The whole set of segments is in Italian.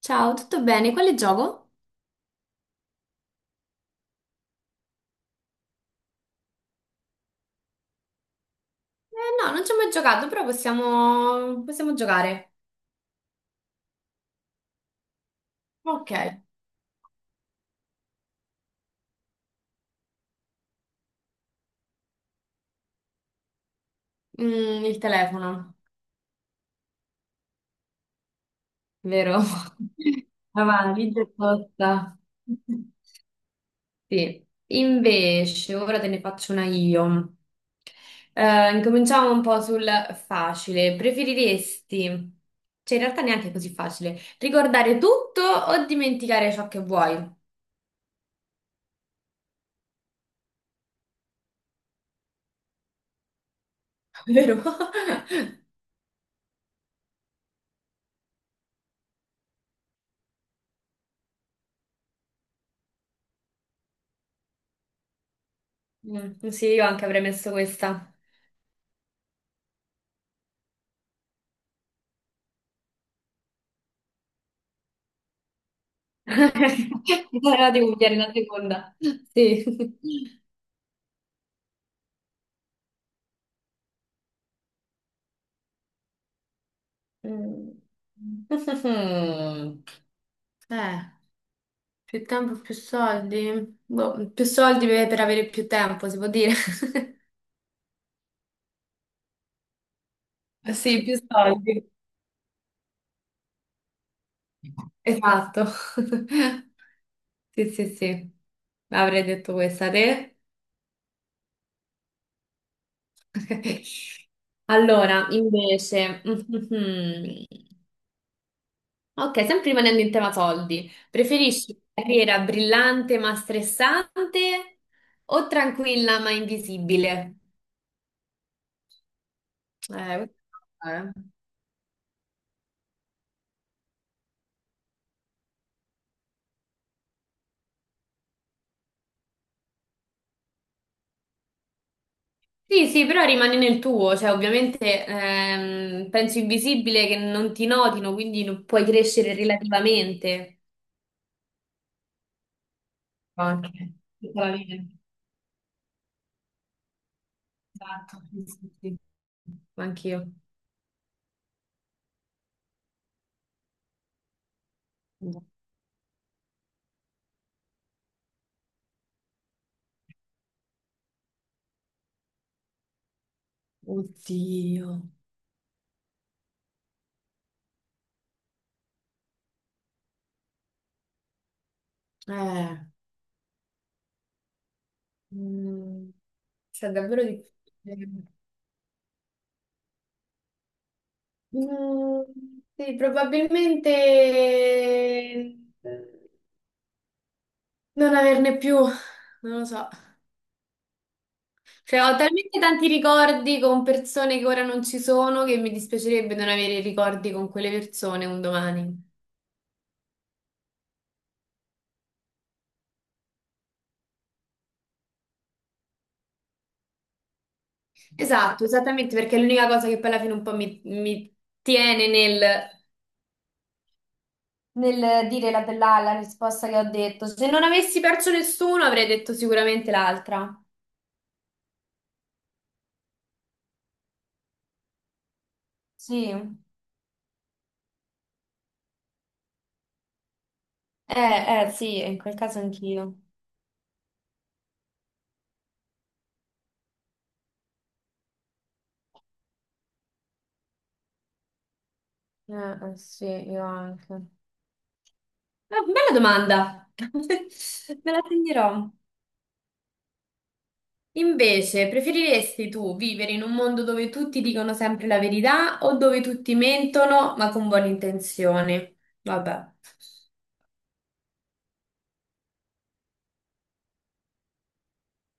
Ciao, tutto bene? Quale gioco? Eh no, non ci ho mai giocato, però possiamo, giocare. Ok. Mm, il telefono, vero? Avanti, già posta. Sì. Invece, ora te ne faccio una io. Incominciamo un po' sul facile. Preferiresti, cioè in realtà neanche così facile, ricordare tutto o dimenticare ciò che vuoi? Vero? Mm, sì, io anche avrei messo questa. Allora devo pigliare una seconda. Sì. Mm. Mhm. Eh, Più tempo, più soldi. Boh, più soldi per, avere più tempo, si può dire. Sì, più soldi. Esatto. Sì, sì, sì. Avrei detto questa te. Allora, invece, ok, sempre rimanendo in tema soldi, preferisci una carriera brillante ma stressante o tranquilla ma invisibile? Eh, eh. Sì, sì, però rimani nel tuo, cioè ovviamente penso invisibile che non ti notino, quindi non puoi crescere relativamente. Ok. Tutta la vita. Esatto, sì, sì, sì. Anch'io. Oddio. Eh. Mm, cioè, davvero difficile. Mm, sì, probabilmente non averne più, non lo so. Cioè, ho talmente tanti ricordi con persone che ora non ci sono che mi dispiacerebbe non avere ricordi con quelle persone un domani. Esatto, esattamente, perché è l'unica cosa che poi alla fine un po' mi tiene nel dire la risposta che ho detto. Se non avessi perso nessuno, avrei detto sicuramente l'altra. Sì, sì, in quel caso anch'io. Eh, sì, io anche. Ah, bella domanda. Me la segnerò. Invece, preferiresti tu vivere in un mondo dove tutti dicono sempre la verità o dove tutti mentono ma con buone intenzioni? Vabbè,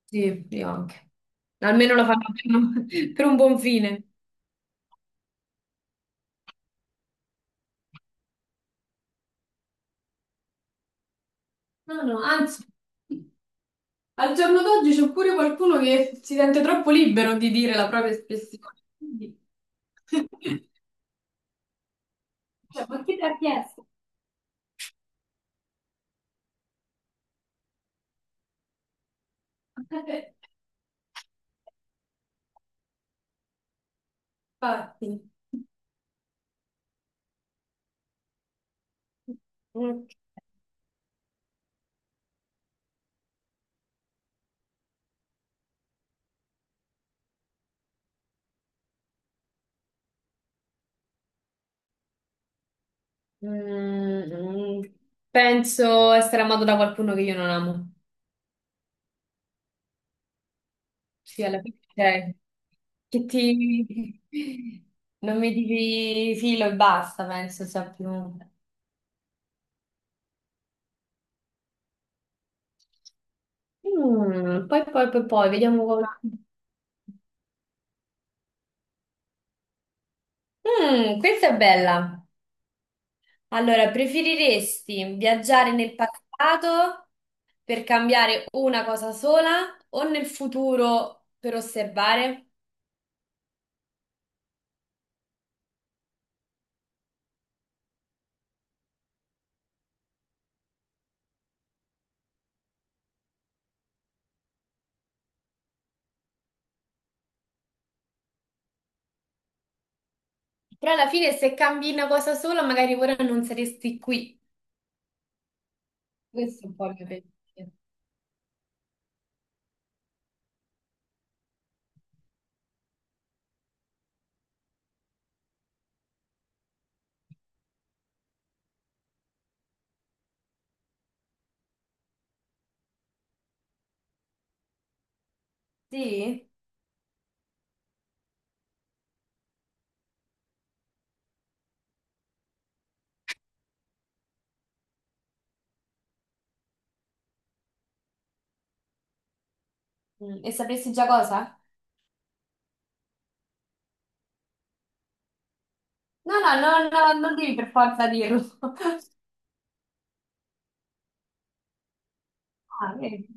sì, io anche. Almeno lo fanno per un, per un buon fine. No, no, anzi, al giorno d'oggi c'è pure qualcuno che si sente troppo libero di dire la propria espressione. Quindi... Cioè, ma chi ti ha chiesto? Infatti. Mm, mm, Penso essere amato da qualcuno che io non amo. Sì, alla fine, cioè, che ti... non mi dici filo e basta, penso sia più... Mm, poi, poi, poi, poi, vediamo come... Mm, questa è bella. Allora, preferiresti viaggiare nel passato per cambiare una cosa sola o nel futuro per osservare? Però alla fine se cambi una cosa sola, magari ora non saresti qui. Questo è un po' il mio pensiero. Sì? Mm, e sapresti già cosa? No, no, no, no, non devi per forza dirlo. Ah, vedi.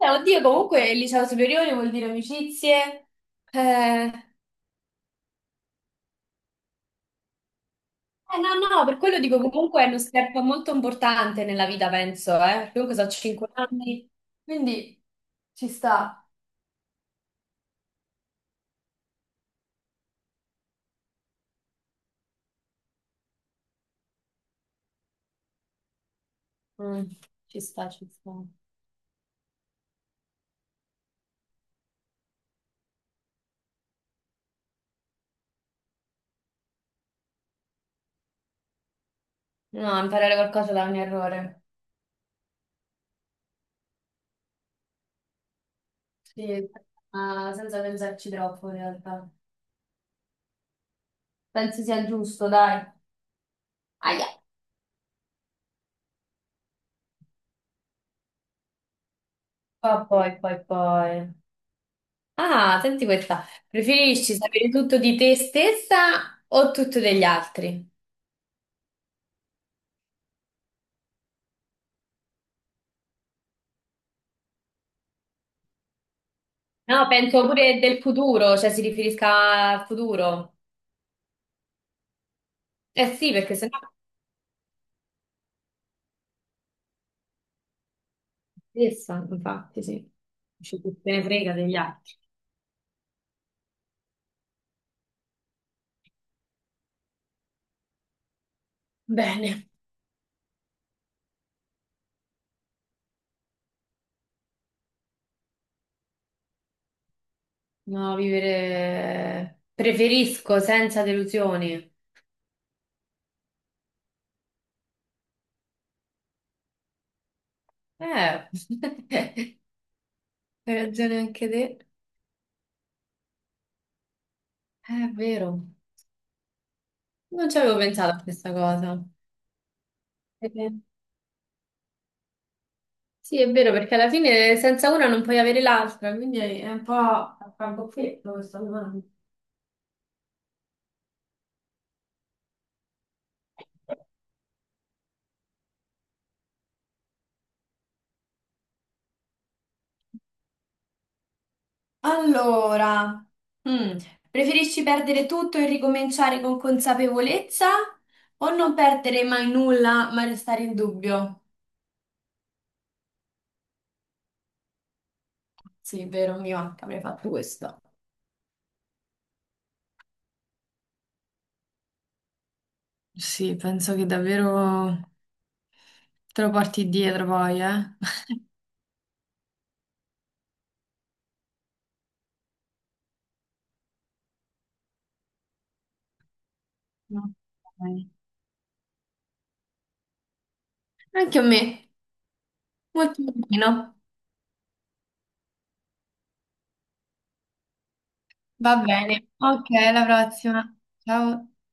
Oddio, comunque il liceo superiore vuol dire amicizie. Eh, no, no, per quello dico comunque è uno step molto importante nella vita, penso, eh. Perché comunque sono 5 anni, quindi ci sta. Mm, ci sta, ci sta. No, imparare qualcosa da un errore. Sì, ma senza pensarci troppo in realtà. Penso sia il giusto, dai. Aia. Poi, poi, poi, poi. Ah, senti questa. Preferisci sapere tutto di te stessa o tutto degli altri? No, penso pure del futuro, cioè si riferisca al futuro. Eh sì, perché sennò stessa, infatti, sì. Ci chi se ne frega degli altri. Bene. No, vivere... preferisco senza delusioni. Eh. Hai ragione anche te. È vero. Non ci avevo pensato a questa cosa. Eh, Sì, è vero, perché alla fine senza una non puoi avere l'altra, quindi è un po' a capofitto questa domanda. Allora, mm, preferisci perdere tutto e ricominciare con consapevolezza o non perdere mai nulla ma restare in dubbio? Sì, è vero, mio anche avrei fatto questo. Sì, penso che davvero te lo porti dietro poi, eh? No. Ok. Anche a me, molto carino. Va bene. Ok, alla prossima. Ciao.